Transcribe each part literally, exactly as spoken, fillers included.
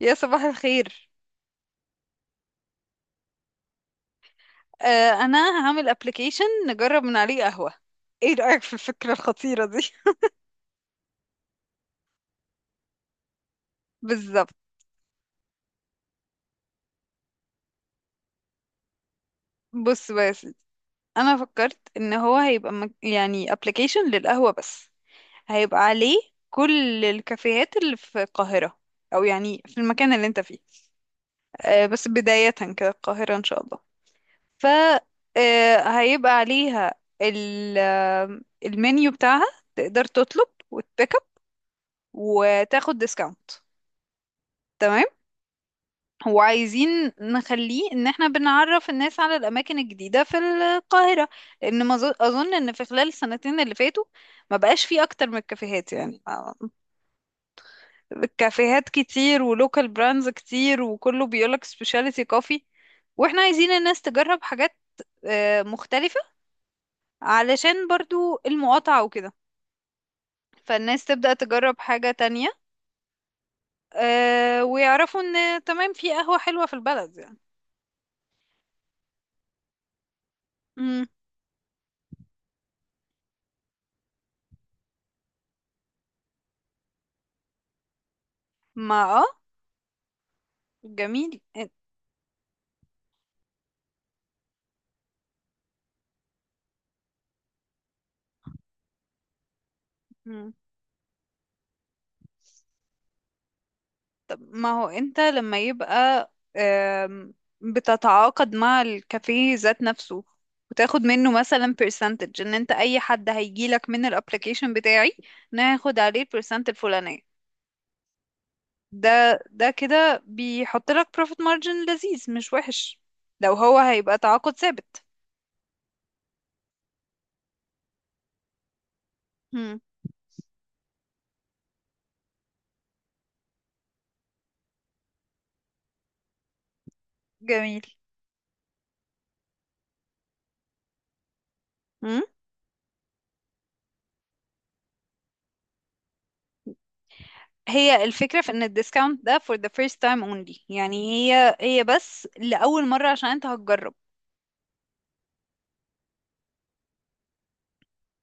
يا صباح الخير. آه انا هعمل ابلكيشن نجرب من عليه قهوة. ايه رأيك في الفكرة الخطيرة دي؟ بالظبط. بص بقى يا سيدي، انا فكرت ان هو هيبقى مك... يعني ابلكيشن للقهوة بس، هيبقى عليه كل الكافيهات اللي في القاهرة، او يعني في المكان اللي انت فيه. آه بس بداية كده القاهرة ان شاء الله. ف آه، هيبقى عليها ال... آه، المنيو بتاعها. تقدر تطلب وتبيك اب، وتاخد ديسكاونت. وعايزين نخليه ان احنا بنعرف الناس على الاماكن الجديدة في القاهرة، لان ما ظ- اظن ان في خلال السنتين اللي فاتوا ما بقاش فيه اكتر من الكافيهات، يعني ما- الكافيهات كتير، ولوكال براندز كتير، وكله بيقولك سبيشاليتي كوفي. واحنا عايزين الناس تجرب حاجات آه، مختلفة، علشان برضو المقاطعة وكده، فالناس تبدأ تجرب حاجة تانية. آه، ويعرفوا ان تمام في قهوة حلوة في البلد يعني. مم. ما اه جميل. مم. طب ما هو انت لما يبقى آم، بتتعاقد مع الكافيه ذات نفسه، وتاخد منه مثلا percentage، ان انت اي حد هيجيلك من الابليكيشن بتاعي ناخد عليه البرسنت الفلانية. ده ده كده بيحط لك profit margin لذيذ مش وحش، لو هو هيبقى تعاقد ثابت. مم. جميل. مم. هي الفكرة في ان الديسكاونت ده for the first time only، يعني هي هي بس لأول مرة عشان انت هتجرب.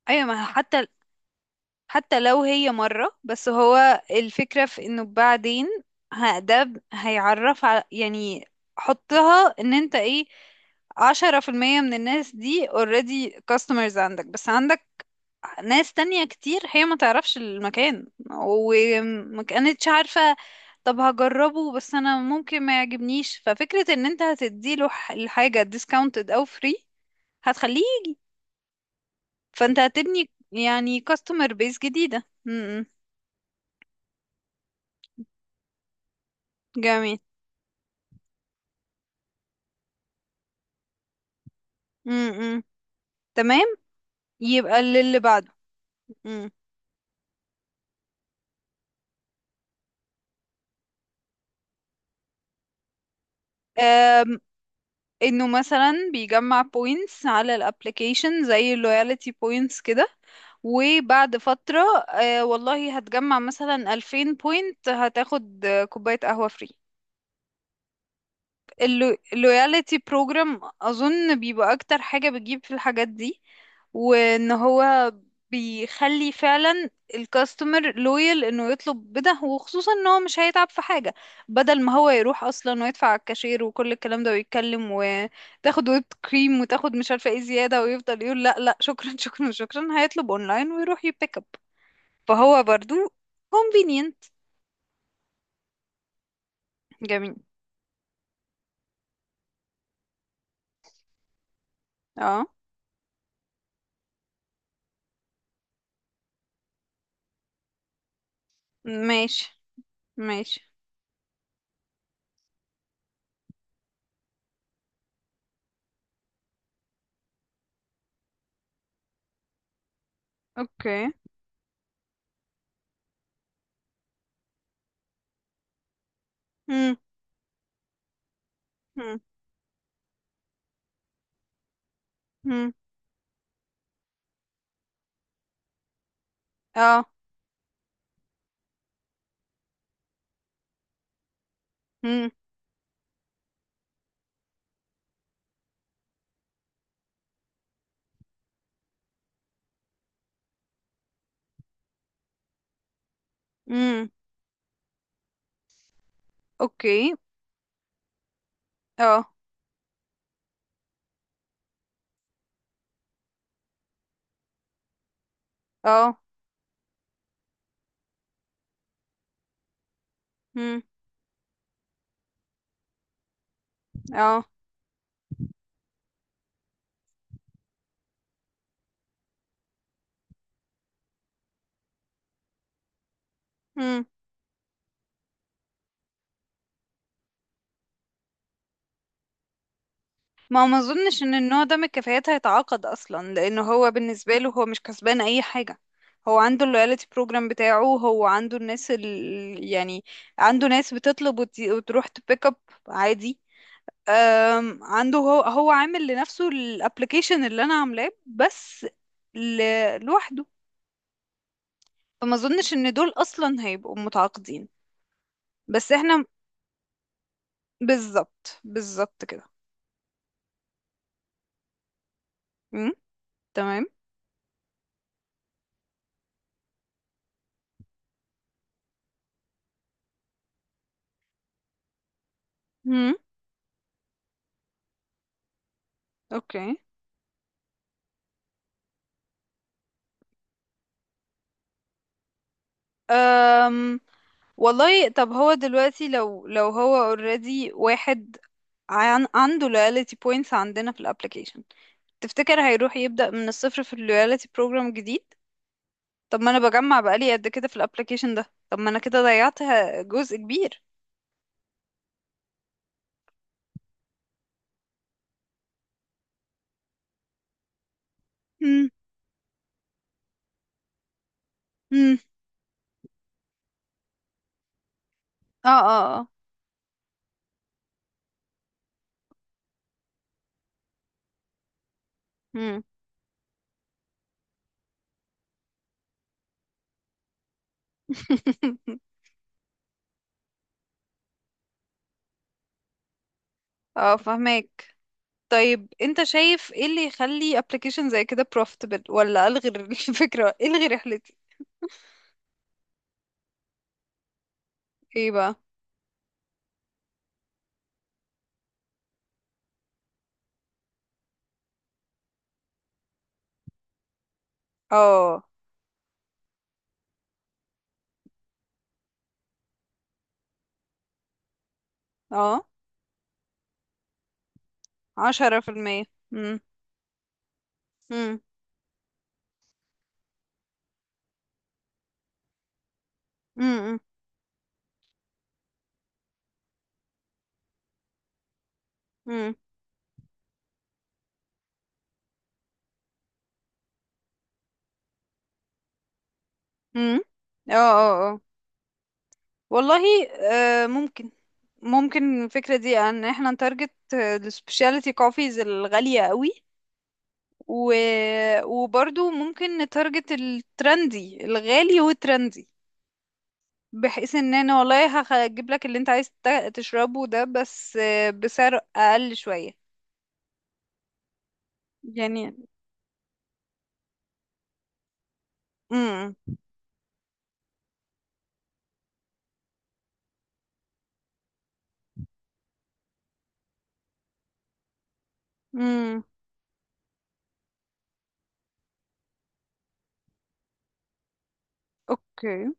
ايوه ما هو حتى، حتى لو هي مرة بس، هو الفكرة في انه بعدين ه- ده ب- هيعرف على يعني. حطها ان انت ايه، عشرة في المية من الناس دي already customers عندك، بس عندك ناس تانية كتير هي ما تعرفش المكان وما كانتش عارفة. طب هجربه، بس انا ممكن ما يعجبنيش، ففكرة ان انت هتديله ح- الحاجة discounted او free هتخليه، فانت هتبني يعني customer base جديدة م- م. جميل. امم. تمام. يبقى اللي اللي بعده. امم. أم، انه مثلا بيجمع بوينتس على الابلكيشن زي اللويالتي بوينتس كده، وبعد فترة أه والله هتجمع مثلا ألفين بوينت، هتاخد آه، كوباية قهوة فري. اللويالتي بروجرام اظن بيبقى اكتر حاجة بتجيب في الحاجات دي، وان هو بيخلي فعلا الكاستمر لويال انه يطلب بده، وخصوصا ان هو مش هيتعب في حاجة. بدل ما هو يروح اصلا ويدفع على الكاشير وكل الكلام ده، ويتكلم وتاخد ويب كريم، وتاخد مش عارفة ايه زيادة، ويفضل يقول لا لا شكرا شكرا شكرا، هيطلب اونلاين ويروح يبيك اب، فهو برضو convenient. جميل. اه. ماشي ماشي. اوكي. مم. مم. اه. مم. مم. اوكي. اه. اه. مم. اه. مم. ما هو ما اظنش ان النوع ده من الكفايات هيتعاقد اصلا، لانه هو بالنسبه له هو مش كسبان اي حاجه. هو عنده اللويالتي بروجرام بتاعه، هو عنده الناس ال... يعني عنده ناس بتطلب وت... وتروح تبيك اب عادي. أم... عنده هو هو عامل لنفسه الابلكيشن اللي انا عاملاه، بس ل... لوحده، فما اظنش ان دول اصلا هيبقوا متعاقدين. بس احنا، بالظبط بالظبط كده. امم. تمام. امم. اوكي. أم والله طب هو دلوقتي، لو لو هو already واحد عن عنده loyalty points عندنا في الابليكيشن، تفتكر هيروح يبدأ من الصفر في loyalty program جديد؟ طب ما انا بجمع بقالي قد كده في الابليكيشن ده، طب ما انا كده ضيعت ه- جزء كبير. امم. امم. اه. اه. اه. امم. اه فهمك. طيب انت شايف ايه اللي يخلي ابلكيشن زي كده profitable؟ ولا الغي الفكرة، الغي رحلتي. ايه بقى؟ اه. اه. عشرة في المية. مم. مم. مم. مم. مم. اه. اه. اه. والله. آه ممكن ممكن الفكرة دي ان احنا نتارجت السبيشاليتي كوفيز الغالية قوي، و... وبرضو ممكن نتارجت الترندي الغالي والترندي، بحيث ان انا والله هخ- هجيب لك اللي انت عايز تا- تشربه ده، بس آه، بسعر اقل شوية يعني. امم. امم. اوكي.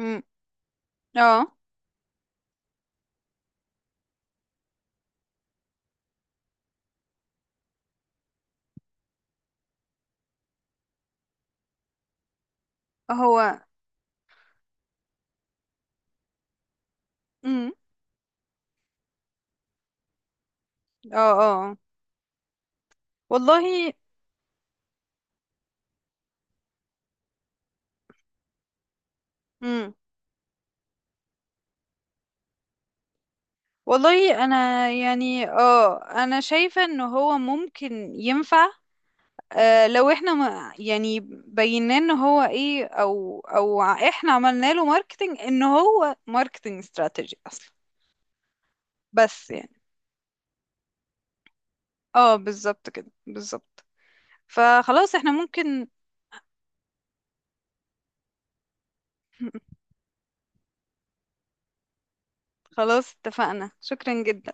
امم. اه. هو. امم. اه. اه. والله. امم. والله انا يعني اه انا شايفة ان هو ممكن ينفع. آه لو احنا ما يعني بينا ان هو ايه، او او ع- احنا عملنا له ماركتنج، ان هو ماركتنج استراتيجي اصلا. بس يعني اه بالظبط كده بالظبط. فخلاص احنا ممكن. خلاص اتفقنا، شكرا جدا.